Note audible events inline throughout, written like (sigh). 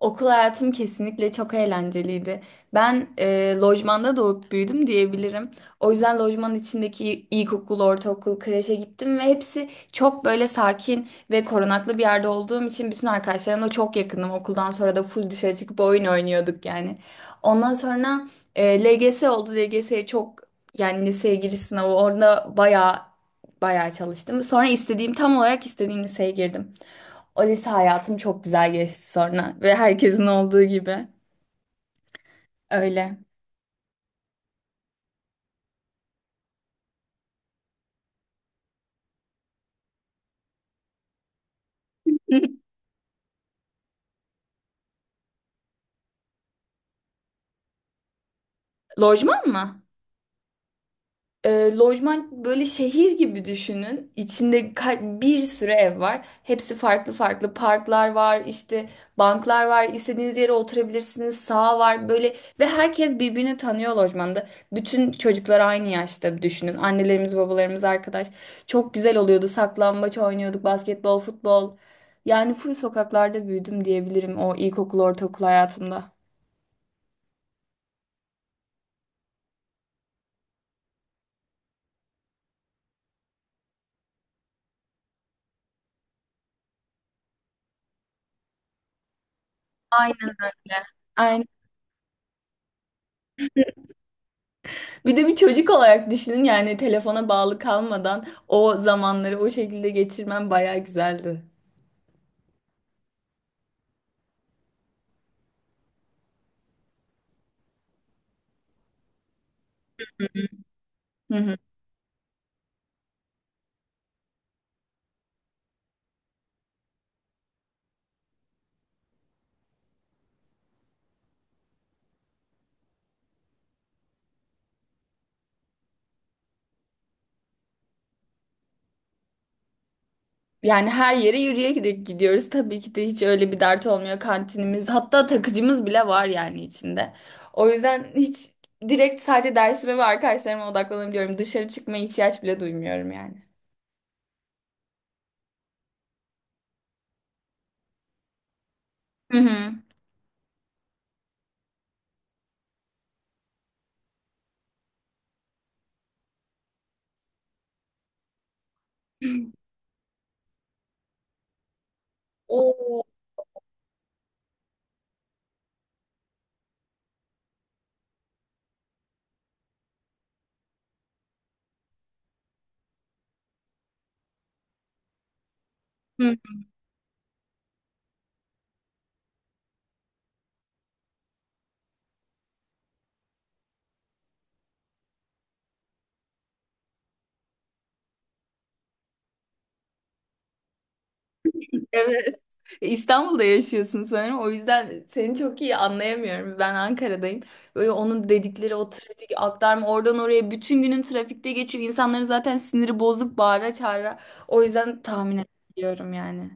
Okul hayatım kesinlikle çok eğlenceliydi. Ben lojmanda doğup büyüdüm diyebilirim. O yüzden lojmanın içindeki ilkokul, ortaokul, kreşe gittim ve hepsi çok böyle sakin ve korunaklı bir yerde olduğum için bütün arkadaşlarımla çok yakındım. Okuldan sonra da full dışarı çıkıp oyun oynuyorduk yani. Ondan sonra LGS oldu. LGS'ye çok, yani liseye giriş sınavı orada bayağı bayağı çalıştım. Sonra istediğim, tam olarak istediğim liseye girdim. O lise hayatım çok güzel geçti sonra, ve herkesin olduğu gibi. Öyle. (laughs) Lojman mı? Lojman böyle şehir gibi düşünün. İçinde bir sürü ev var. Hepsi farklı farklı. Parklar var, işte banklar var. İstediğiniz yere oturabilirsiniz. Sağ var böyle, ve herkes birbirini tanıyor lojmanda. Bütün çocuklar aynı yaşta düşünün. Annelerimiz, babalarımız, arkadaş. Çok güzel oluyordu. Saklambaç oynuyorduk, basketbol, futbol. Yani full sokaklarda büyüdüm diyebilirim, o ilkokul, ortaokul hayatımda. Aynen. Aynen. Bir de bir çocuk olarak düşünün, yani telefona bağlı kalmadan o zamanları o şekilde geçirmem bayağı güzeldi. Hı hı. Yani her yere yürüyerek gidiyoruz. Tabii ki de hiç öyle bir dert olmuyor. Kantinimiz, hatta takıcımız bile var yani içinde. O yüzden hiç, direkt sadece dersime ve arkadaşlarıma odaklanabiliyorum. Dışarı çıkmaya ihtiyaç bile duymuyorum yani. Hı hı. Oo. Hı. Evet. E, İstanbul'da yaşıyorsun sanırım. O yüzden seni çok iyi anlayamıyorum. Ben Ankara'dayım. Böyle onun dedikleri, o trafik, aktarma, oradan oraya bütün günün trafikte geçiyor. İnsanların zaten siniri bozuk, bağıra çağıra. O yüzden tahmin ediyorum yani.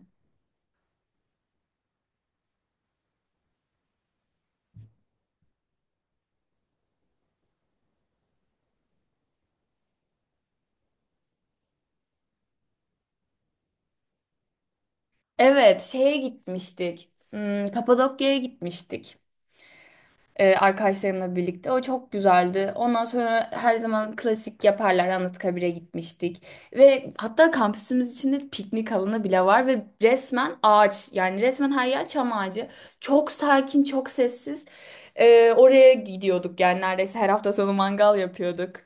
Evet, şeye gitmiştik. Kapadokya'ya gitmiştik. Arkadaşlarımla birlikte. O çok güzeldi. Ondan sonra her zaman klasik yaparlar. Anıtkabir'e gitmiştik. Ve hatta kampüsümüz içinde piknik alanı bile var, ve resmen ağaç. Yani resmen her yer çam ağacı. Çok sakin, çok sessiz. Oraya gidiyorduk, yani neredeyse her hafta sonu mangal yapıyorduk.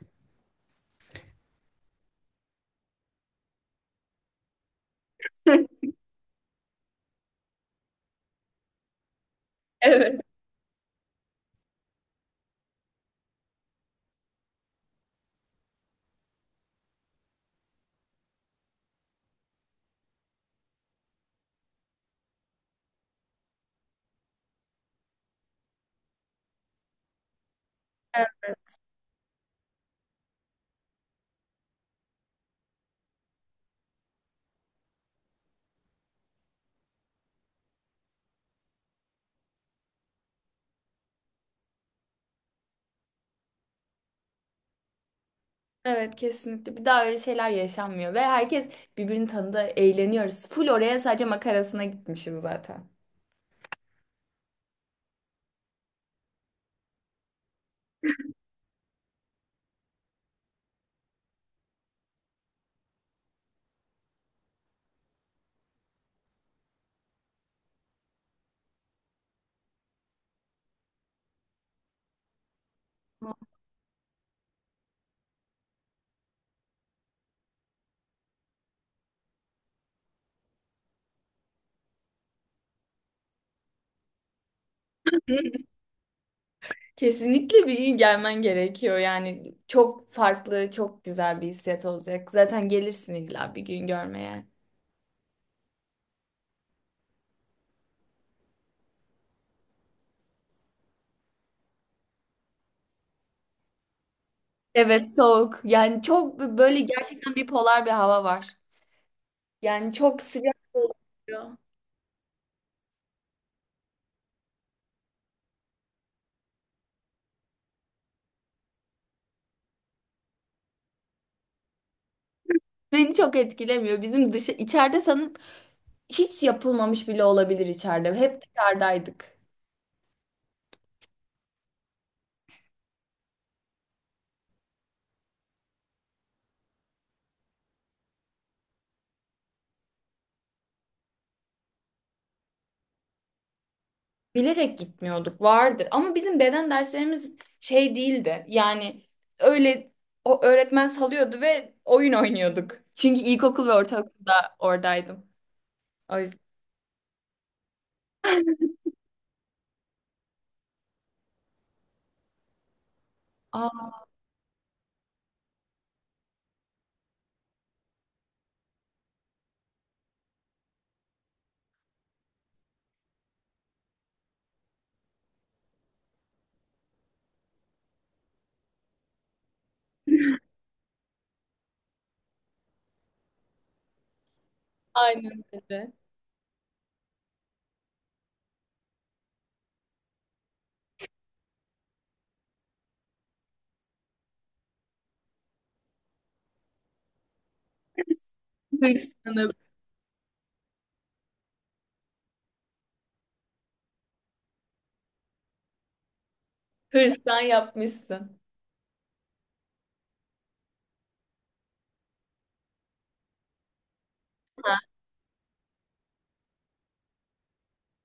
Evet. Evet, kesinlikle. Bir daha öyle şeyler yaşanmıyor ve herkes birbirini tanıdı, eğleniyoruz. Full oraya sadece makarasına gitmişiz zaten. (laughs) Kesinlikle bir gün gelmen gerekiyor. Yani çok farklı, çok güzel bir hissiyat olacak. Zaten gelirsin illa bir gün görmeye. Evet, soğuk. Yani çok böyle gerçekten bir polar bir hava var. Yani çok sıcak oluyor. Beni çok etkilemiyor. Bizim dışı içeride sanırım hiç yapılmamış bile olabilir içeride. Hep dışarıdaydık. Bilerek gitmiyorduk, vardır ama bizim beden derslerimiz şey değildi yani. Öyle, o öğretmen salıyordu ve oyun oynuyorduk. Çünkü ilkokul ve ortaokulda oradaydım. O yüzden. Aa, aynen öyle. Hırslanıp hırslan yapmışsın. Ha.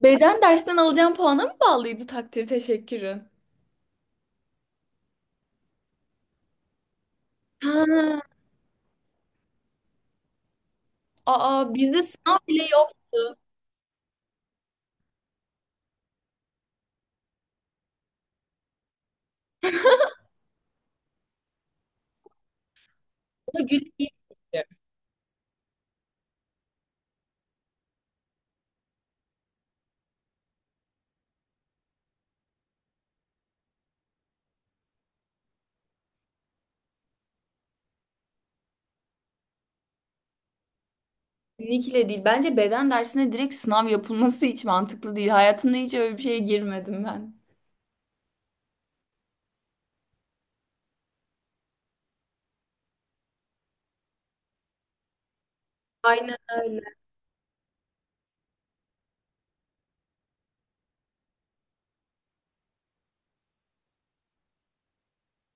Beden dersten alacağım puana mı bağlıydı takdir teşekkürün? Ha. Aa, bizde sınav bile yoktu. Ama gülüyor. Kesinlikle değil. Bence beden dersine direkt sınav yapılması hiç mantıklı değil. Hayatımda hiç öyle bir şeye girmedim ben. Aynen öyle.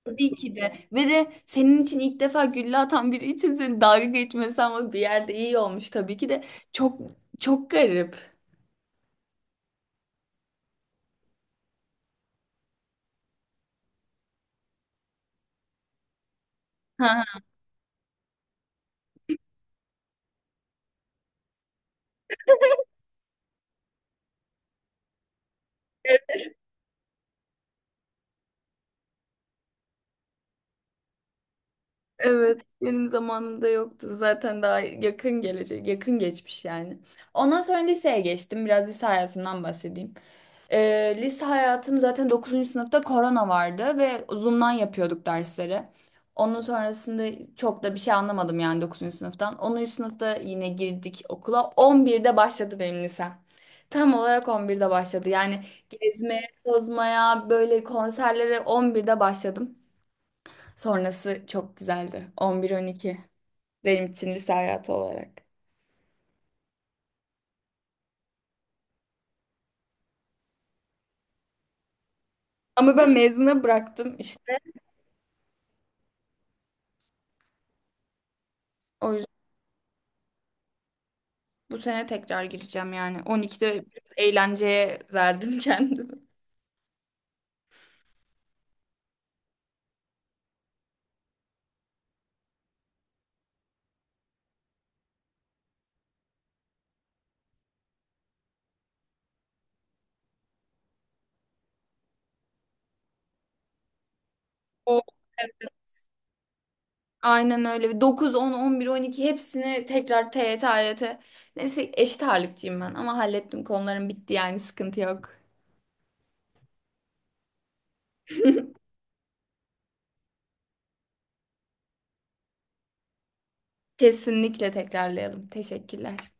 Tabii ki de. Ve de senin için ilk defa gülle atan biri için seni dalga geçmesi, ama bir yerde iyi olmuş tabii ki de. Çok çok garip. Ha, evet. Benim zamanımda yoktu. Zaten daha yakın gelecek, yakın geçmiş yani. Ondan sonra liseye geçtim. Biraz lise hayatımdan bahsedeyim. Lise hayatım zaten dokuzuncu sınıfta korona vardı ve Zoom'dan yapıyorduk dersleri. Onun sonrasında çok da bir şey anlamadım yani dokuzuncu sınıftan. 10. sınıfta yine girdik okula. 11'de başladı benim lisem. Tam olarak 11'de başladı. Yani gezmeye, tozmaya, böyle konserlere 11'de başladım. Sonrası çok güzeldi. 11, 12 benim için lise hayatı olarak. Ama ben mezuna bıraktım işte. O Bu sene tekrar gireceğim yani. 12'de biraz eğlenceye verdim (laughs) kendimi. O Aynen öyle. 9, 10, 11, 12 hepsini tekrar, TYT, AYT. Neyse, eşit ağırlıkçıyım ben, ama hallettim. Konularım bitti yani, sıkıntı yok. Kesinlikle tekrarlayalım. Teşekkürler.